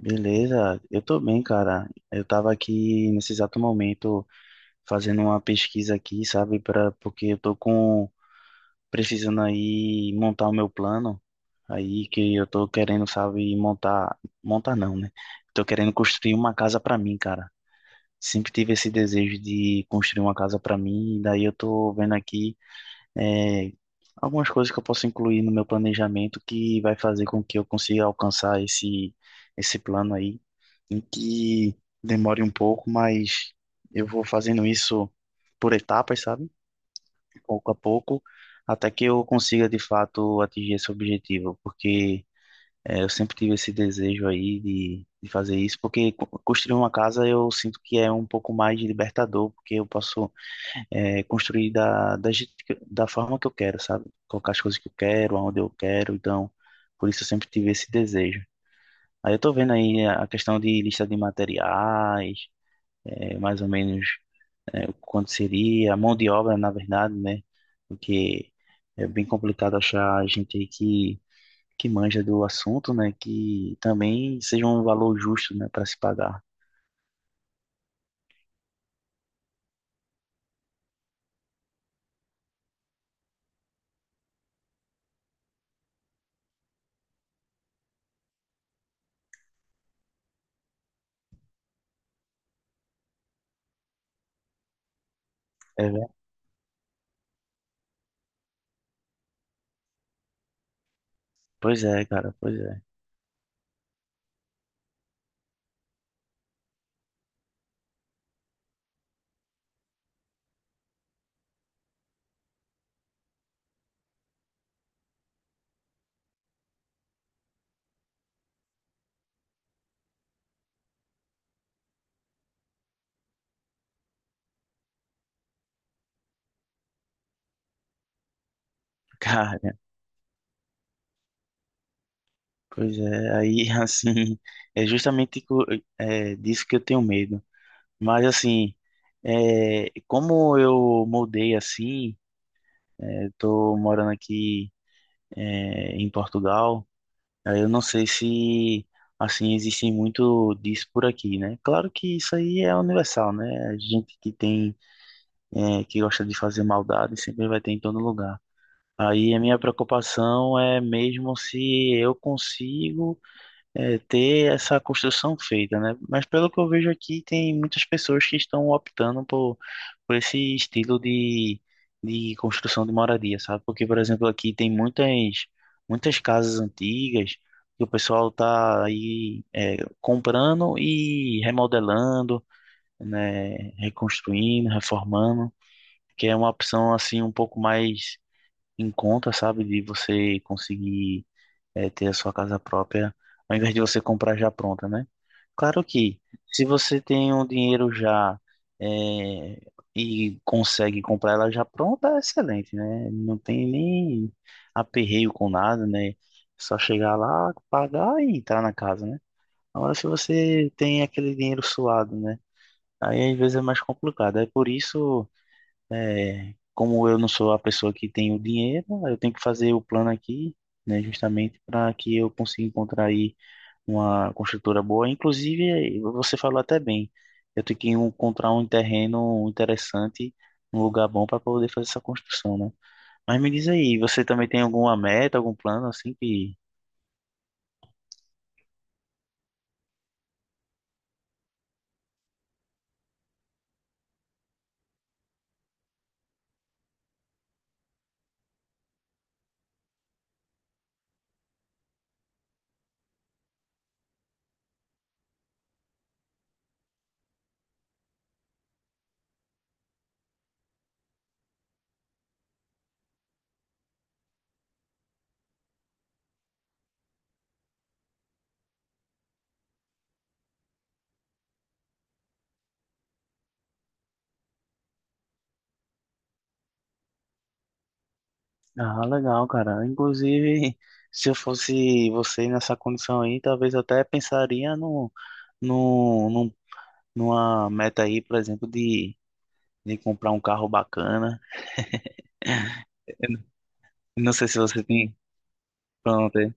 Beleza, eu tô bem, cara. Eu tava aqui nesse exato momento fazendo uma pesquisa aqui, sabe, para porque eu tô com precisando aí montar o meu plano aí que eu tô querendo, sabe, montar, montar não, né? Tô querendo construir uma casa pra mim, cara. Sempre tive esse desejo de construir uma casa pra mim, e daí eu tô vendo aqui é, algumas coisas que eu posso incluir no meu planejamento que vai fazer com que eu consiga alcançar esse plano aí em que demore um pouco, mas eu vou fazendo isso por etapas, sabe? Pouco a pouco, até que eu consiga de fato atingir esse objetivo, porque eu sempre tive esse desejo aí de fazer isso, porque construir uma casa eu sinto que é um pouco mais libertador, porque eu posso construir da forma que eu quero, sabe? Colocar as coisas que eu quero, aonde eu quero, então por isso eu sempre tive esse desejo. Aí eu tô vendo aí a questão de lista de materiais, mais ou menos quanto seria, a mão de obra, na verdade, né? Porque é bem complicado achar gente aí que manja do assunto, né? Que também seja um valor justo, né, para se pagar. É, ver- pois é, cara, pois é. Cara, pois é, aí assim, é justamente disso que eu tenho medo. Mas assim, como eu mudei assim, tô morando aqui em Portugal. Aí eu não sei se, assim, existe muito disso por aqui, né? Claro que isso aí é universal, né? A gente que tem, que gosta de fazer maldade sempre vai ter em todo lugar. Aí a minha preocupação é mesmo se eu consigo ter essa construção feita, né? Mas pelo que eu vejo aqui, tem muitas pessoas que estão optando por esse estilo de construção de moradia, sabe? Porque, por exemplo, aqui tem muitas casas antigas que o pessoal tá aí comprando e remodelando, né? Reconstruindo, reformando, que é uma opção assim um pouco mais em conta, sabe? De você conseguir ter a sua casa própria, ao invés de você comprar já pronta, né? Claro que, se você tem um dinheiro já é, e consegue comprar ela já pronta, é excelente, né? Não tem nem aperreio com nada, né? Só chegar lá, pagar e entrar na casa, né? Agora, se você tem aquele dinheiro suado, né? Aí às vezes é mais complicado. É por isso. É, como eu não sou a pessoa que tem o dinheiro, eu tenho que fazer o plano aqui, né, justamente para que eu consiga encontrar aí uma construtora boa. Inclusive, você falou até bem, eu tenho que encontrar um terreno interessante, um lugar bom para poder fazer essa construção, né? Mas me diz aí, você também tem alguma meta, algum plano assim que... Ah, legal, cara. Inclusive, se eu fosse você nessa condição aí, talvez eu até pensaria no numa meta aí, por exemplo, de comprar um carro bacana. Eu n- não sei se você tem. Pronto. É.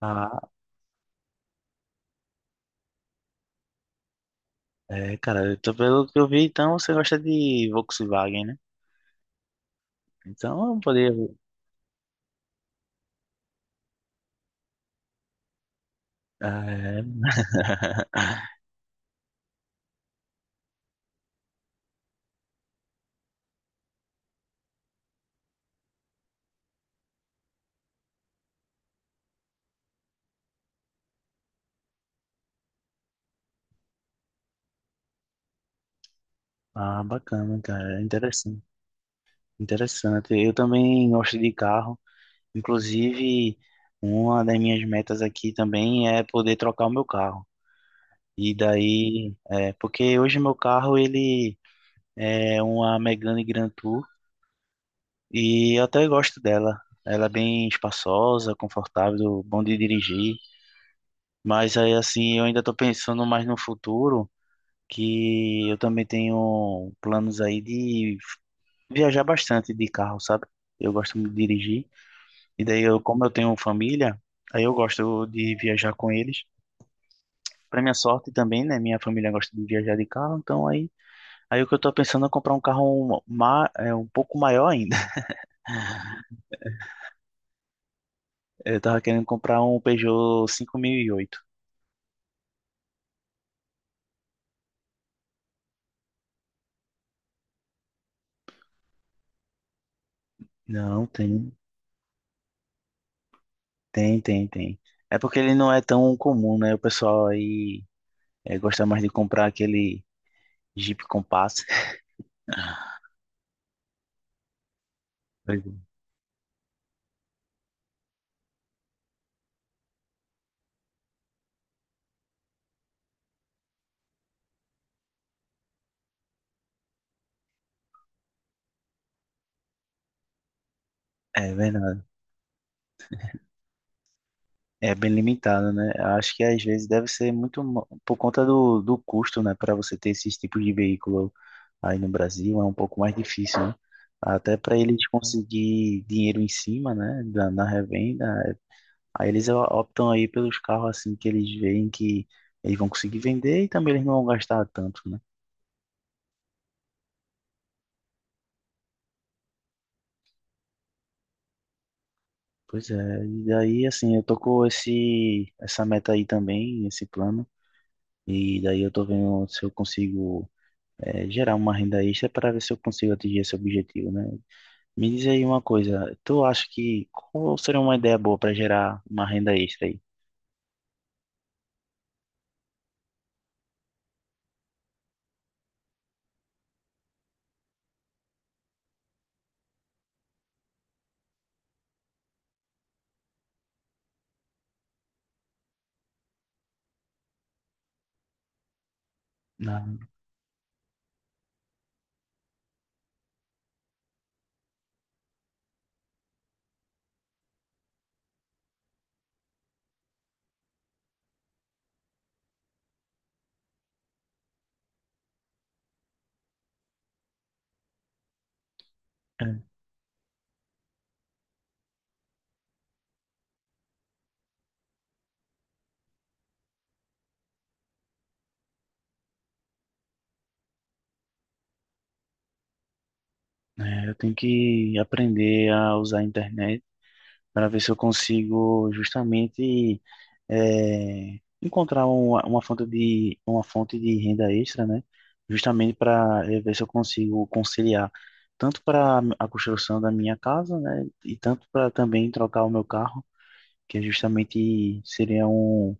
Ah, cara, pelo que eu vi, então você gosta de Volkswagen, né? Então eu poderia. É, ah, bacana, cara. É interessante. Interessante. Eu também gosto de carro. Inclusive, uma das minhas metas aqui também é poder trocar o meu carro. E daí, porque hoje meu carro ele é uma Megane Grand. E eu até gosto dela. Ela é bem espaçosa, confortável, bom de dirigir. Mas aí, assim, eu ainda tô pensando mais no futuro, que eu também tenho planos aí de viajar bastante de carro, sabe? Eu gosto muito de dirigir. E daí, eu, como eu tenho família, aí eu gosto de viajar com eles. Pra minha sorte também, né? Minha família gosta de viajar de carro, então aí o que eu tô pensando é comprar um carro é, um pouco maior ainda. Eu tava querendo comprar um Peugeot 5008. Não, tem. É porque ele não é tão comum, né? O pessoal aí gosta mais de comprar aquele Jeep Compass. Pois é. É verdade. É bem limitado, né? Eu acho que às vezes deve ser muito por conta do custo, né? Para você ter esses tipos de veículo aí no Brasil é um pouco mais difícil, né? Até para eles conseguir dinheiro em cima, né? Da, na revenda. Aí eles optam aí pelos carros assim que eles veem que eles vão conseguir vender e também eles não vão gastar tanto, né? Pois é, e daí assim, eu tô com essa meta aí também, esse plano, e daí eu tô vendo se eu consigo gerar uma renda extra para ver se eu consigo atingir esse objetivo, né? Me diz aí uma coisa, tu acha que qual seria uma ideia boa para gerar uma renda extra aí? Na- é, eu tenho que aprender a usar a internet para ver se eu consigo justamente encontrar uma fonte de renda extra, né? Justamente para ver se eu consigo conciliar tanto para a construção da minha casa, né? E tanto para também trocar o meu carro, que é justamente seria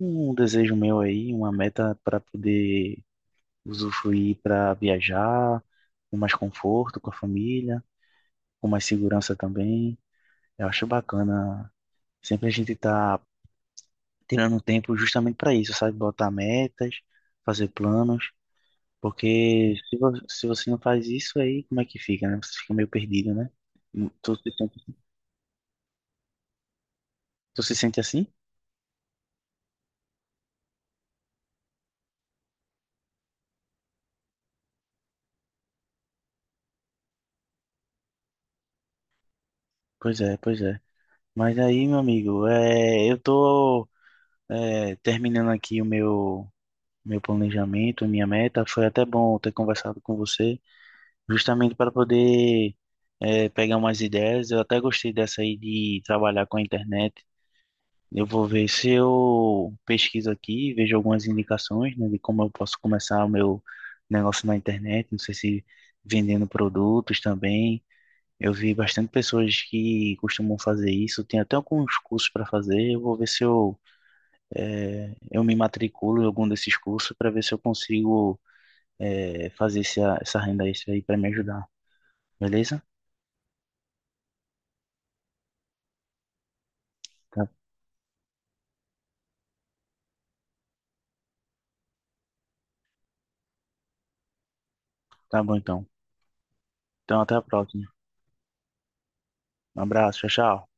um desejo meu aí, uma meta para poder usufruir para viajar com mais conforto com a família, com mais segurança também. Eu acho bacana. Sempre a gente tá tirando um tempo justamente para isso, sabe? Botar metas, fazer planos, porque se, se você não faz isso aí, como é que fica, né? Você fica meio perdido, né? Hum, Tu se sente, tu se sente assim? Pois é, pois é. Mas aí, meu amigo, eu tô terminando aqui o meu meu planejamento, minha meta. Foi até bom ter conversado com você, justamente para poder pegar umas ideias. Eu até gostei dessa aí de trabalhar com a internet. Eu vou ver se eu pesquiso aqui, vejo algumas indicações, né, de como eu posso começar o meu negócio na internet. Não sei se vendendo produtos também. Eu vi bastante pessoas que costumam fazer isso. Tem até alguns cursos para fazer. Eu vou ver se eu, eu me matriculo em algum desses cursos para ver se eu consigo, fazer essa renda extra aí para me ajudar. Beleza? Tá, tá bom então. Então, até a próxima. Um abraço, tchau, tchau.